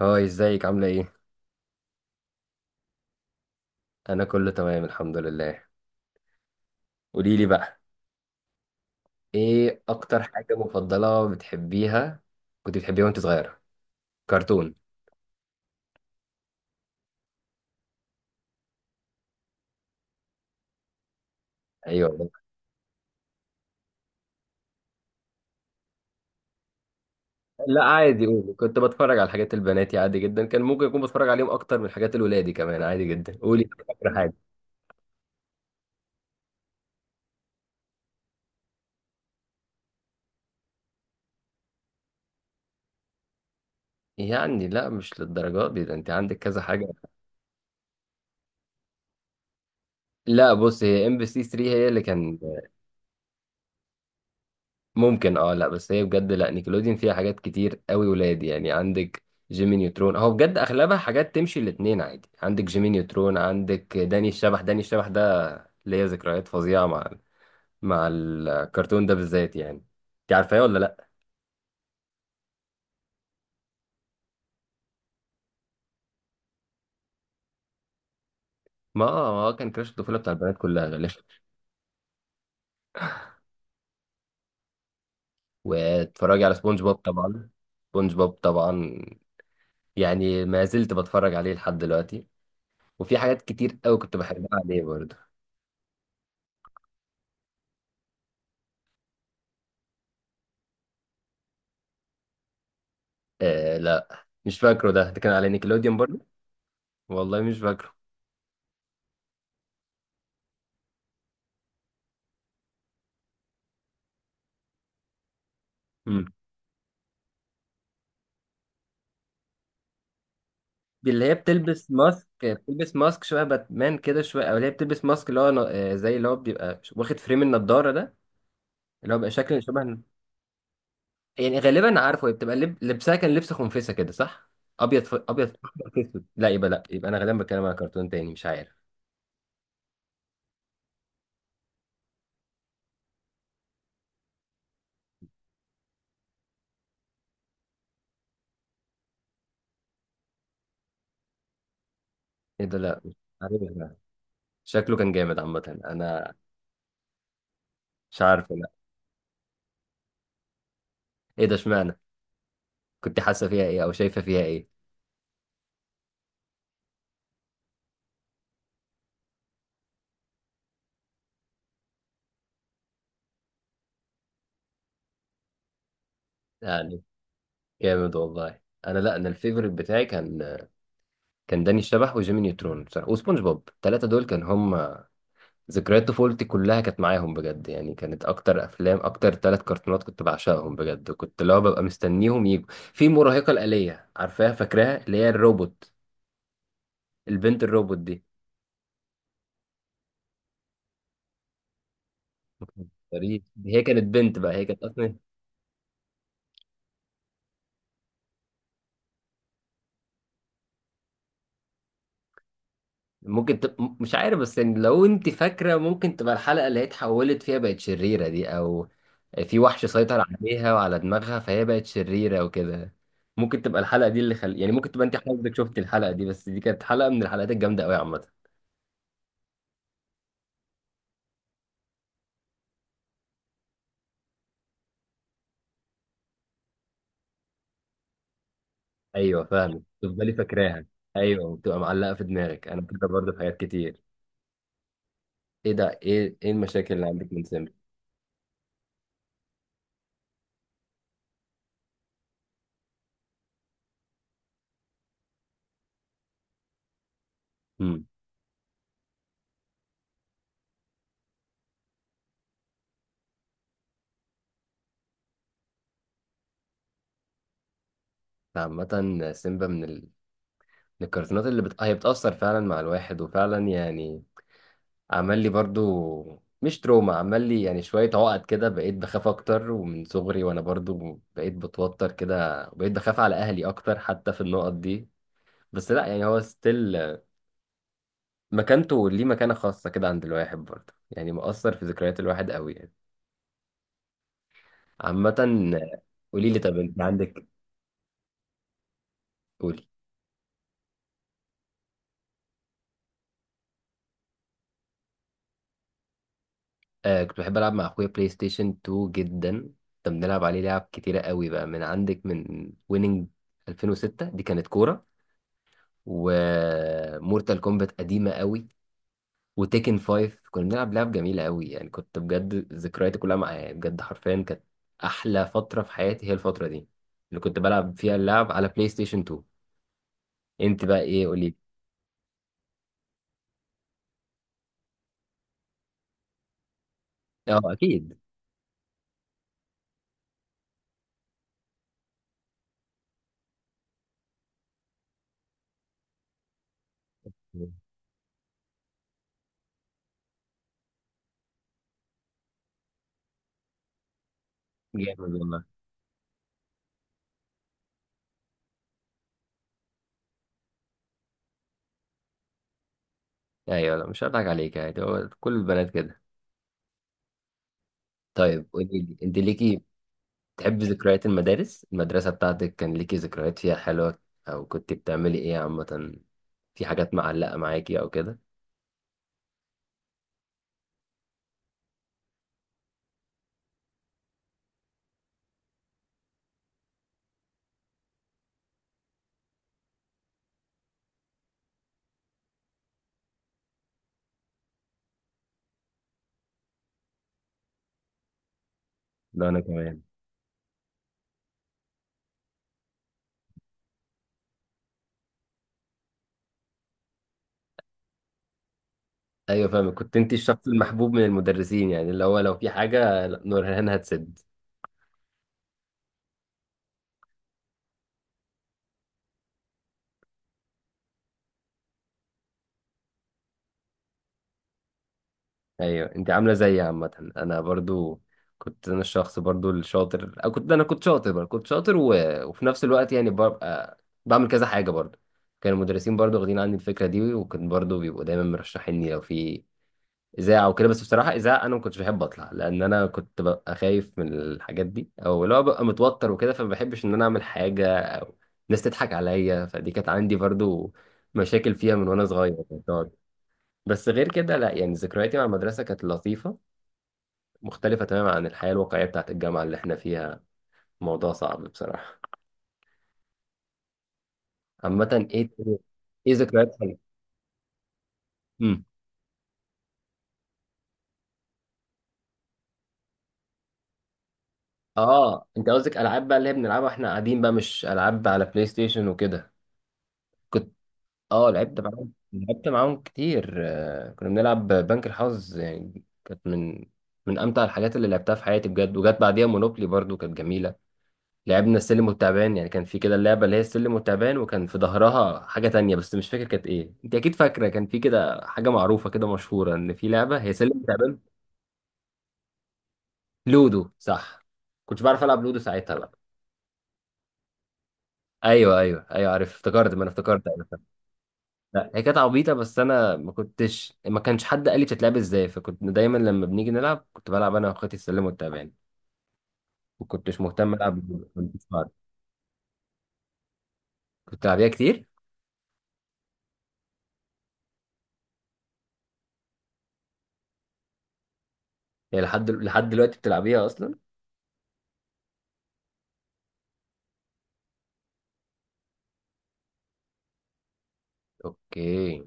هاي ازيك عاملة ايه؟ انا كله تمام الحمد لله. قولي لي بقى ايه اكتر حاجة مفضلة بتحبيها، كنت بتحبيها وانت صغيرة؟ كرتون. ايوه، لا عادي قولي، كنت بتفرج على حاجات البنات عادي جدا، كان ممكن اكون بتفرج عليهم اكتر من حاجات الولادي كمان عادي جدا. قولي اكتر حاجة. يعني لا مش للدرجات دي، ده انت عندك كذا حاجة. لا بص، هي ام بي سي 3 هي اللي كان. ممكن، اه لا بس هي بجد، لا نيكلوديون فيها حاجات كتير قوي ولاد يعني. عندك جيمي نيوترون، هو بجد اغلبها حاجات تمشي الاتنين عادي. عندك جيمي نيوترون، عندك داني الشبح. داني الشبح ده ليا ذكريات فظيعة مع الكرتون ده بالذات يعني. انت عارفاه ولا لا؟ ما آه، ما هو كان كراش الطفولة بتاع البنات كلها غالبا. واتفرجي على سبونج بوب طبعا. سبونج بوب طبعا، يعني ما زلت بتفرج عليه لحد دلوقتي، وفي حاجات كتير قوي كنت بحبها عليه برضه. آه لا مش فاكره ده، ده كان على نيكلوديون برضه. والله مش فاكره. امم دي اللي هي بتلبس ماسك، بتلبس ماسك شويه باتمان كده، شويه او اللي هي بتلبس ماسك اللي هو زي اللي هو بيبقى واخد فريم النضاره ده، اللي هو بيبقى شكل شبه. يعني غالبا عارفه هي بتبقى لبسها كان لبس خنفسه كده صح؟ ابيض ابيض في احمر في اسود. لا يبقى، انا غالبا بتكلم على كرتون تاني مش عارف. ايه ده، لا مش عارف ده. شكله كان جامد عامه، انا مش عارف لا. ايه ده، اشمعنى؟ كنت حاسه فيها ايه او شايفه فيها ايه؟ يعني جامد والله. انا، لا انا الفيفوريت بتاعي كان، داني الشبح وجيمي نيوترون بصراحة وسبونج بوب. الثلاثة دول كان هم ذكريات طفولتي كلها، كانت معاهم بجد يعني. كانت أكتر أفلام، أكتر ثلاث كرتونات كنت بعشقهم بجد، وكنت اللي هو ببقى مستنيهم يجوا. في مراهقة الآلية، عارفاها؟ فاكراها اللي هي الروبوت، البنت الروبوت دي؟ مكنتش، هي كانت بنت بقى، هي كانت أصلا. ممكن مش عارف بس يعني لو انت فاكره ممكن تبقى الحلقه اللي هي اتحولت فيها بقت شريره دي، او في وحش سيطر عليها وعلى دماغها فهي بقت شريره وكده. ممكن تبقى الحلقه دي اللي يعني ممكن تبقى انت حضرتك شفت الحلقه دي، بس دي كانت حلقه من الحلقات الجامده قوي عامه. ايوه فاهم، تفضلي فاكراها. ايوه، وبتبقى معلقه في دماغك. انا كده برضه في حاجات كتير. ايه ده، ايه ايه المشاكل اللي عندك من سيمبا؟ امم عامه سيمبا من الكرتونات هي بتاثر فعلا مع الواحد، وفعلا يعني عمل لي برضو مش تروما، عمل لي يعني شوية عقد كده. بقيت بخاف أكتر، ومن صغري وأنا برضو بقيت بتوتر كده، وبقيت بخاف على أهلي أكتر حتى في النقط دي. بس لا يعني، هو ستيل مكانته ليه مكانة خاصة كده عند الواحد برضو، يعني مؤثر في ذكريات الواحد قوي يعني. عامة قولي لي، طب أنت عندك؟ قولي. كنت بحب ألعب مع أخويا بلاي ستيشن 2 جدا. كنا بنلعب عليه لعب كتيرة قوي بقى، من عندك من ويننج 2006، دي كانت كورة، ومورتال كومبات قديمة قوي، وتيكن فايف. كنا بنلعب لعب جميلة قوي يعني، كنت بجد ذكرياتي كلها معايا يعني، بجد حرفيا كانت أحلى فترة في حياتي هي الفترة دي، اللي كنت بلعب فيها اللعب على بلاي ستيشن 2. أنت بقى إيه، قولي. أه أكيد. جامد والله. أيوه، لا مش هضحك عليك، يعني هو كل البنات كده. طيب قولي لي، أنت ليكي، تحبي ذكريات المدارس، المدرسة بتاعتك كان ليكي ذكريات فيها حلوة؟ أو كنت بتعملي إيه عامة، في حاجات معلقة معاكي أو كده؟ لا أنا كمان. ايوه فاهمك، كنت انت الشخص المحبوب من المدرسين، يعني اللي هو لو في حاجه، لا، نورهان هتسد. ايوه انت عامله زيي، عامه انا برضو كنت انا الشخص برضو الشاطر، أو كنت انا، كنت شاطر برضو. كنت شاطر، وفي نفس الوقت يعني ببقى بعمل كذا حاجه برضو. كان المدرسين برضو واخدين عني الفكره دي، وكان برضو بيبقوا دايما مرشحيني لو في اذاعه وكده. بس بصراحه اذاعه، انا ما كنتش بحب اطلع، لان انا كنت ببقى خايف من الحاجات دي، او لو ببقى متوتر وكده، فما بحبش ان انا اعمل حاجه او الناس تضحك عليا. فدي كانت عندي برضو مشاكل فيها من وانا صغير، كنت أقعد. بس غير كده لا، يعني ذكرياتي مع المدرسه كانت لطيفه، مختلفه تماما عن الحياه الواقعيه بتاعت الجامعه اللي احنا فيها. موضوع صعب بصراحه. عامه ايه، ايه ذكريات حلوه. امم اه انت قصدك العاب بقى اللي هي بنلعبها واحنا قاعدين بقى، مش العاب على بلاي ستيشن وكده. كنت، اه لعبت معاهم، كتير. كنا بنلعب بنك الحظ يعني، كانت من امتع الحاجات اللي لعبتها في حياتي بجد. وجت بعديها مونوبلي برضو كانت جميله. لعبنا السلم والتعبان يعني، كان في كده اللعبه اللي هي السلم والتعبان، وكان في ظهرها حاجه تانية بس مش فاكر كانت ايه. انت اكيد فاكره، كان في كده حاجه معروفه كده مشهوره ان في لعبه هي سلم وتعبان. لودو صح. كنتش بعرف العب لودو ساعتها بقى. ايوه ايوه ايوه عارف، افتكرت، ما انا افتكرت أيوه. لا هي كانت عبيطة، بس أنا ما كنتش، ما كانش حد قال لي بتتلعب إزاي، فكنت دايما لما بنيجي نلعب كنت بلعب أنا وأخواتي السلم والتعبان. ما كنتش مهتم ألعب بالبنت بعض. كنت بتلعبيها كتير؟ يعني لحد دلوقتي بتلعبيها أصلا؟ أوكي.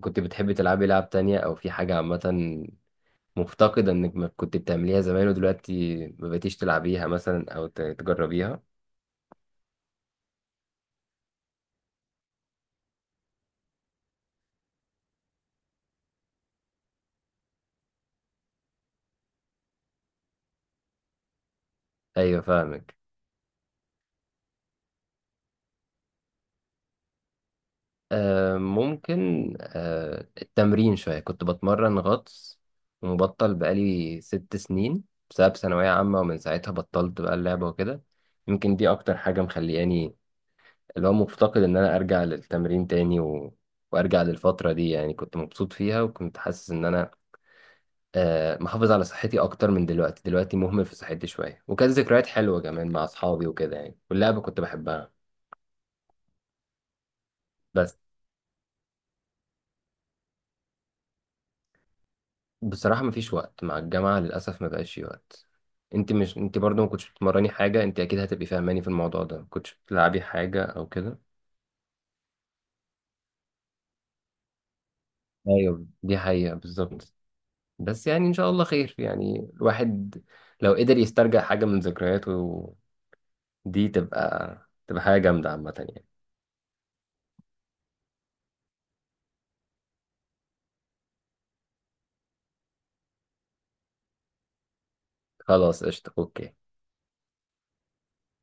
كنت بتحبي تلعبي لعب تانية، أو في حاجة عامة مفتقدة إنك ما كنت بتعمليها زمان ودلوقتي ما بقيتيش تلعبيها مثلا، أو تجربيها؟ أيوة فاهمك. ممكن، التمرين شوية، كنت بتمرن غطس، ومبطل بقالي 6 سنين بسبب ثانوية عامة، ومن ساعتها بطلت بقى اللعبة وكده. يمكن دي أكتر حاجة مخلياني، اللي هو مفتقد إن أنا أرجع للتمرين تاني، وأرجع للفترة دي يعني، كنت مبسوط فيها وكنت حاسس إن أنا محافظ على صحتي أكتر من دلوقتي. دلوقتي مهمل في صحتي شوية، وكانت ذكريات حلوة كمان مع أصحابي وكده يعني، واللعبة كنت بحبها بس. بصراحة مفيش وقت مع الجامعة للأسف، ما بقاش في وقت. انت مش، انت برضو ما كنتش بتمرني حاجة، انت اكيد هتبقي فاهماني في الموضوع ده، ما كنتش بتلعبي حاجة او كده؟ ايوه دي حقيقة بالظبط. بس يعني ان شاء الله خير، يعني الواحد لو قدر يسترجع حاجة من ذكرياته دي، تبقى حاجة جامدة عامة يعني. خلاص قشطة، اوكي.